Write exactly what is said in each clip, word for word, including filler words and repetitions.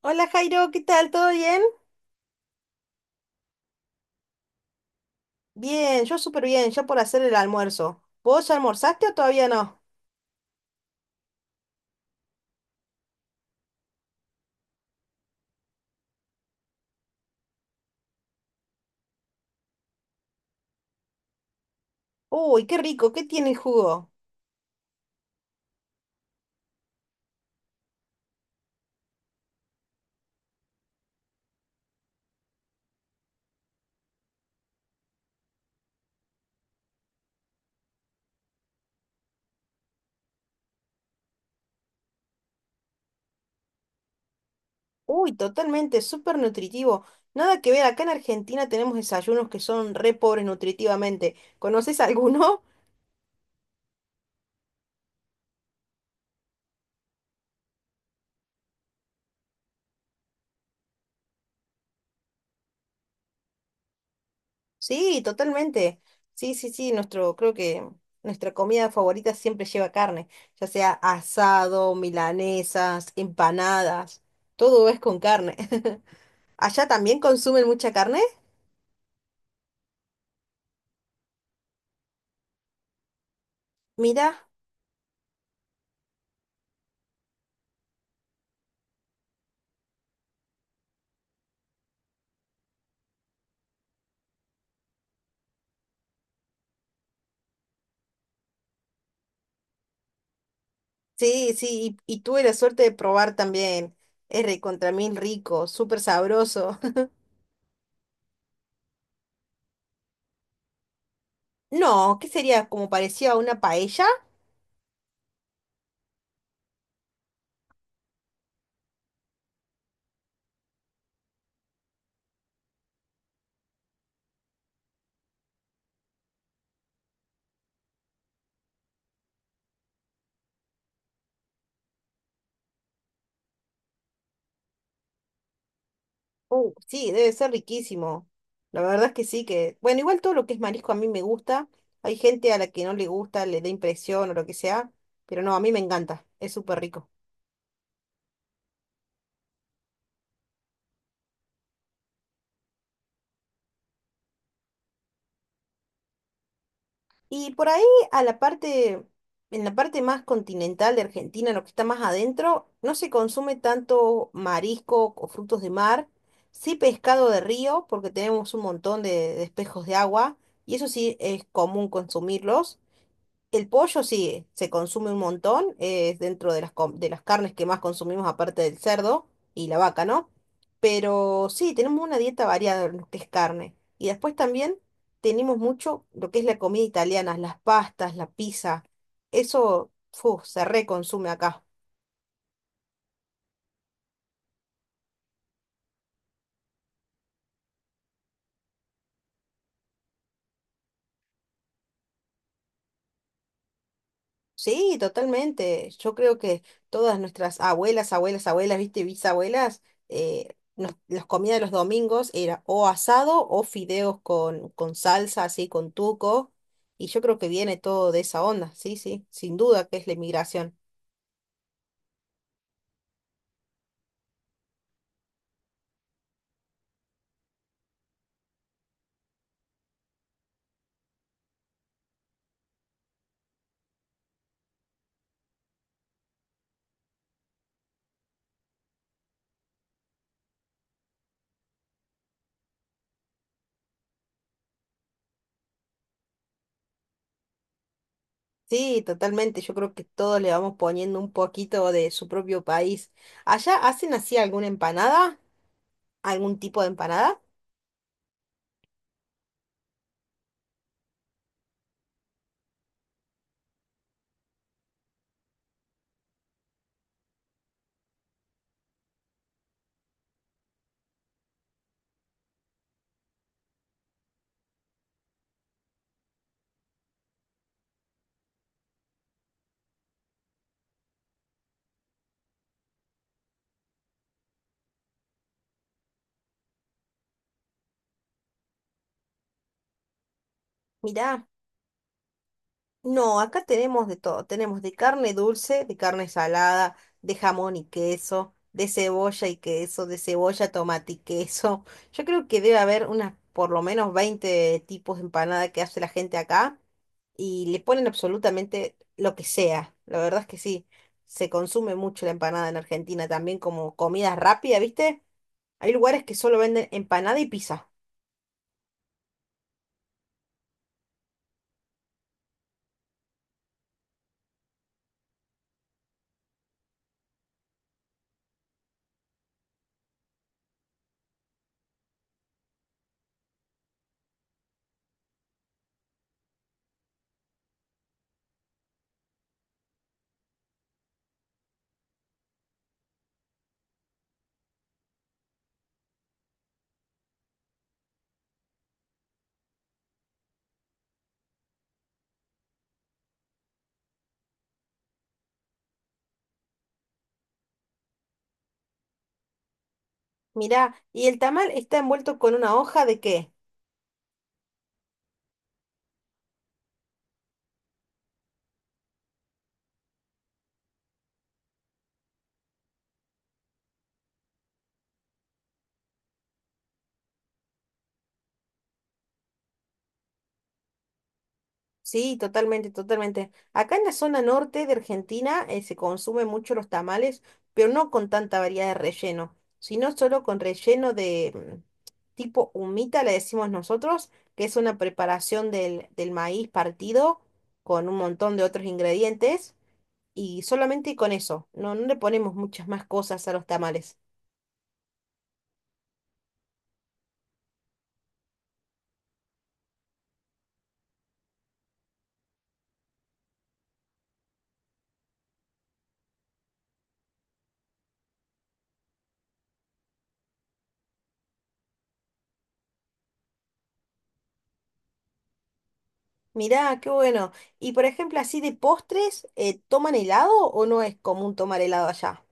Hola Jairo, ¿qué tal? ¿Todo bien? Bien, yo súper bien, ya por hacer el almuerzo. ¿Vos ya almorzaste o todavía no? Uy, qué rico, ¿qué tiene el jugo? Uy, totalmente, súper nutritivo. Nada que ver, acá en Argentina tenemos desayunos que son re pobres nutritivamente. ¿Conoces alguno? Sí, totalmente. Sí, sí, sí, nuestro, creo que nuestra comida favorita siempre lleva carne, ya sea asado, milanesas, empanadas, todo es con carne. ¿Allá también consumen mucha carne? Mira, sí, sí, y, y tuve la suerte de probar también. Es recontra mil rico, súper sabroso. No, ¿qué sería? ¿Como parecía a una paella? Uh, sí, debe ser riquísimo. La verdad es que sí, que… Bueno, igual todo lo que es marisco a mí me gusta. Hay gente a la que no le gusta, le da impresión o lo que sea, pero no, a mí me encanta, es súper rico. Y por ahí a la parte, en la parte más continental de Argentina, lo que está más adentro, no se consume tanto marisco o frutos de mar, sí pescado de río, porque tenemos un montón de, de espejos de agua, y eso sí es común consumirlos. El pollo sí, se consume un montón, es dentro de las, com- de las carnes que más consumimos aparte del cerdo y la vaca, ¿no? Pero sí, tenemos una dieta variada en lo que es carne. Y después también tenemos mucho lo que es la comida italiana, las pastas, la pizza. Eso, fu, se reconsume acá. Sí, totalmente. Yo creo que todas nuestras abuelas, abuelas, abuelas, viste, bisabuelas, eh, nos- las comidas de los domingos era o asado o fideos con, con salsa, así, con tuco. Y yo creo que viene todo de esa onda, sí, sí, sin duda que es la inmigración. Sí, totalmente. Yo creo que todos le vamos poniendo un poquito de su propio país. ¿Allá hacen así alguna empanada? ¿Algún tipo de empanada? Mirá. No, acá tenemos de todo. Tenemos de carne dulce, de carne salada, de jamón y queso, de cebolla y queso, de cebolla, tomate y queso. Yo creo que debe haber unas por lo menos veinte tipos de empanada que hace la gente acá y le ponen absolutamente lo que sea. La verdad es que sí, se consume mucho la empanada en Argentina también como comida rápida, ¿viste? Hay lugares que solo venden empanada y pizza. Mirá, ¿y el tamal está envuelto con una hoja de qué? Sí, totalmente, totalmente. Acá en la zona norte de Argentina eh, se consumen mucho los tamales, pero no con tanta variedad de relleno, sino solo con relleno de mm, tipo humita, le decimos nosotros, que es una preparación del, del maíz partido con un montón de otros ingredientes y solamente con eso. No, no le ponemos muchas más cosas a los tamales. Mirá, qué bueno. Y por ejemplo, así de postres, eh, ¿toman helado o no es común tomar helado allá?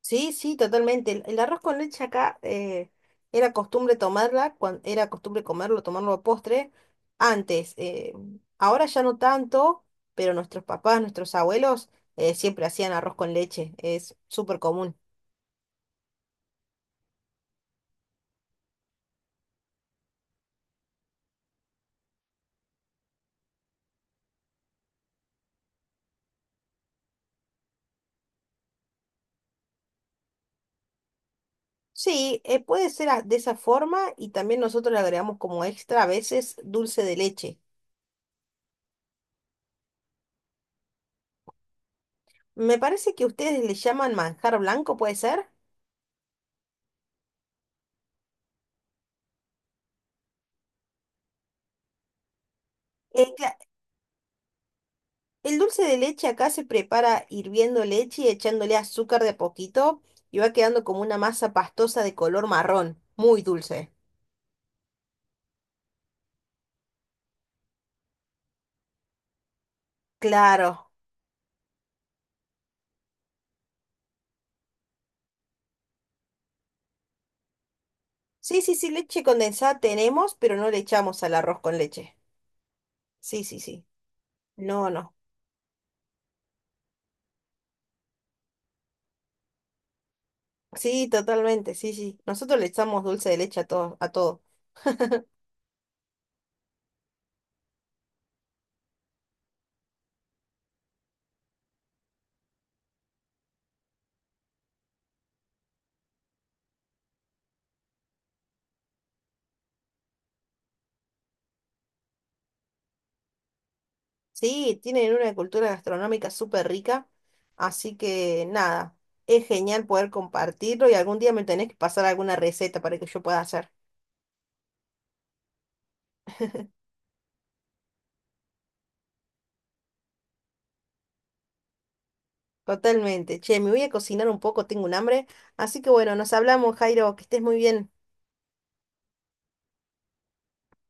Sí, sí, totalmente. El, el arroz con leche acá eh, era costumbre tomarla, cuando era costumbre comerlo, tomarlo a postre antes. Eh, ahora ya no tanto, pero nuestros papás, nuestros abuelos eh, siempre hacían arroz con leche. Es súper común. Sí, eh, puede ser a- de esa forma y también nosotros le agregamos como extra a veces dulce de leche. Me parece que ustedes le llaman manjar blanco, ¿puede ser? Eh, cla- el dulce de leche acá se prepara hirviendo leche y echándole azúcar de a poquito y va quedando como una masa pastosa de color marrón, muy dulce. Claro. Sí, sí, sí, leche condensada tenemos, pero no le echamos al arroz con leche. Sí, sí, sí. No, no. Sí, totalmente, sí, sí. Nosotros le echamos dulce de leche a todo, a todo. Sí, tienen una cultura gastronómica súper rica, así que nada, es genial poder compartirlo y algún día me tenés que pasar alguna receta para que yo pueda hacer. Totalmente. Che, me voy a cocinar un poco, tengo un hambre. Así que bueno, nos hablamos, Jairo, que estés muy bien.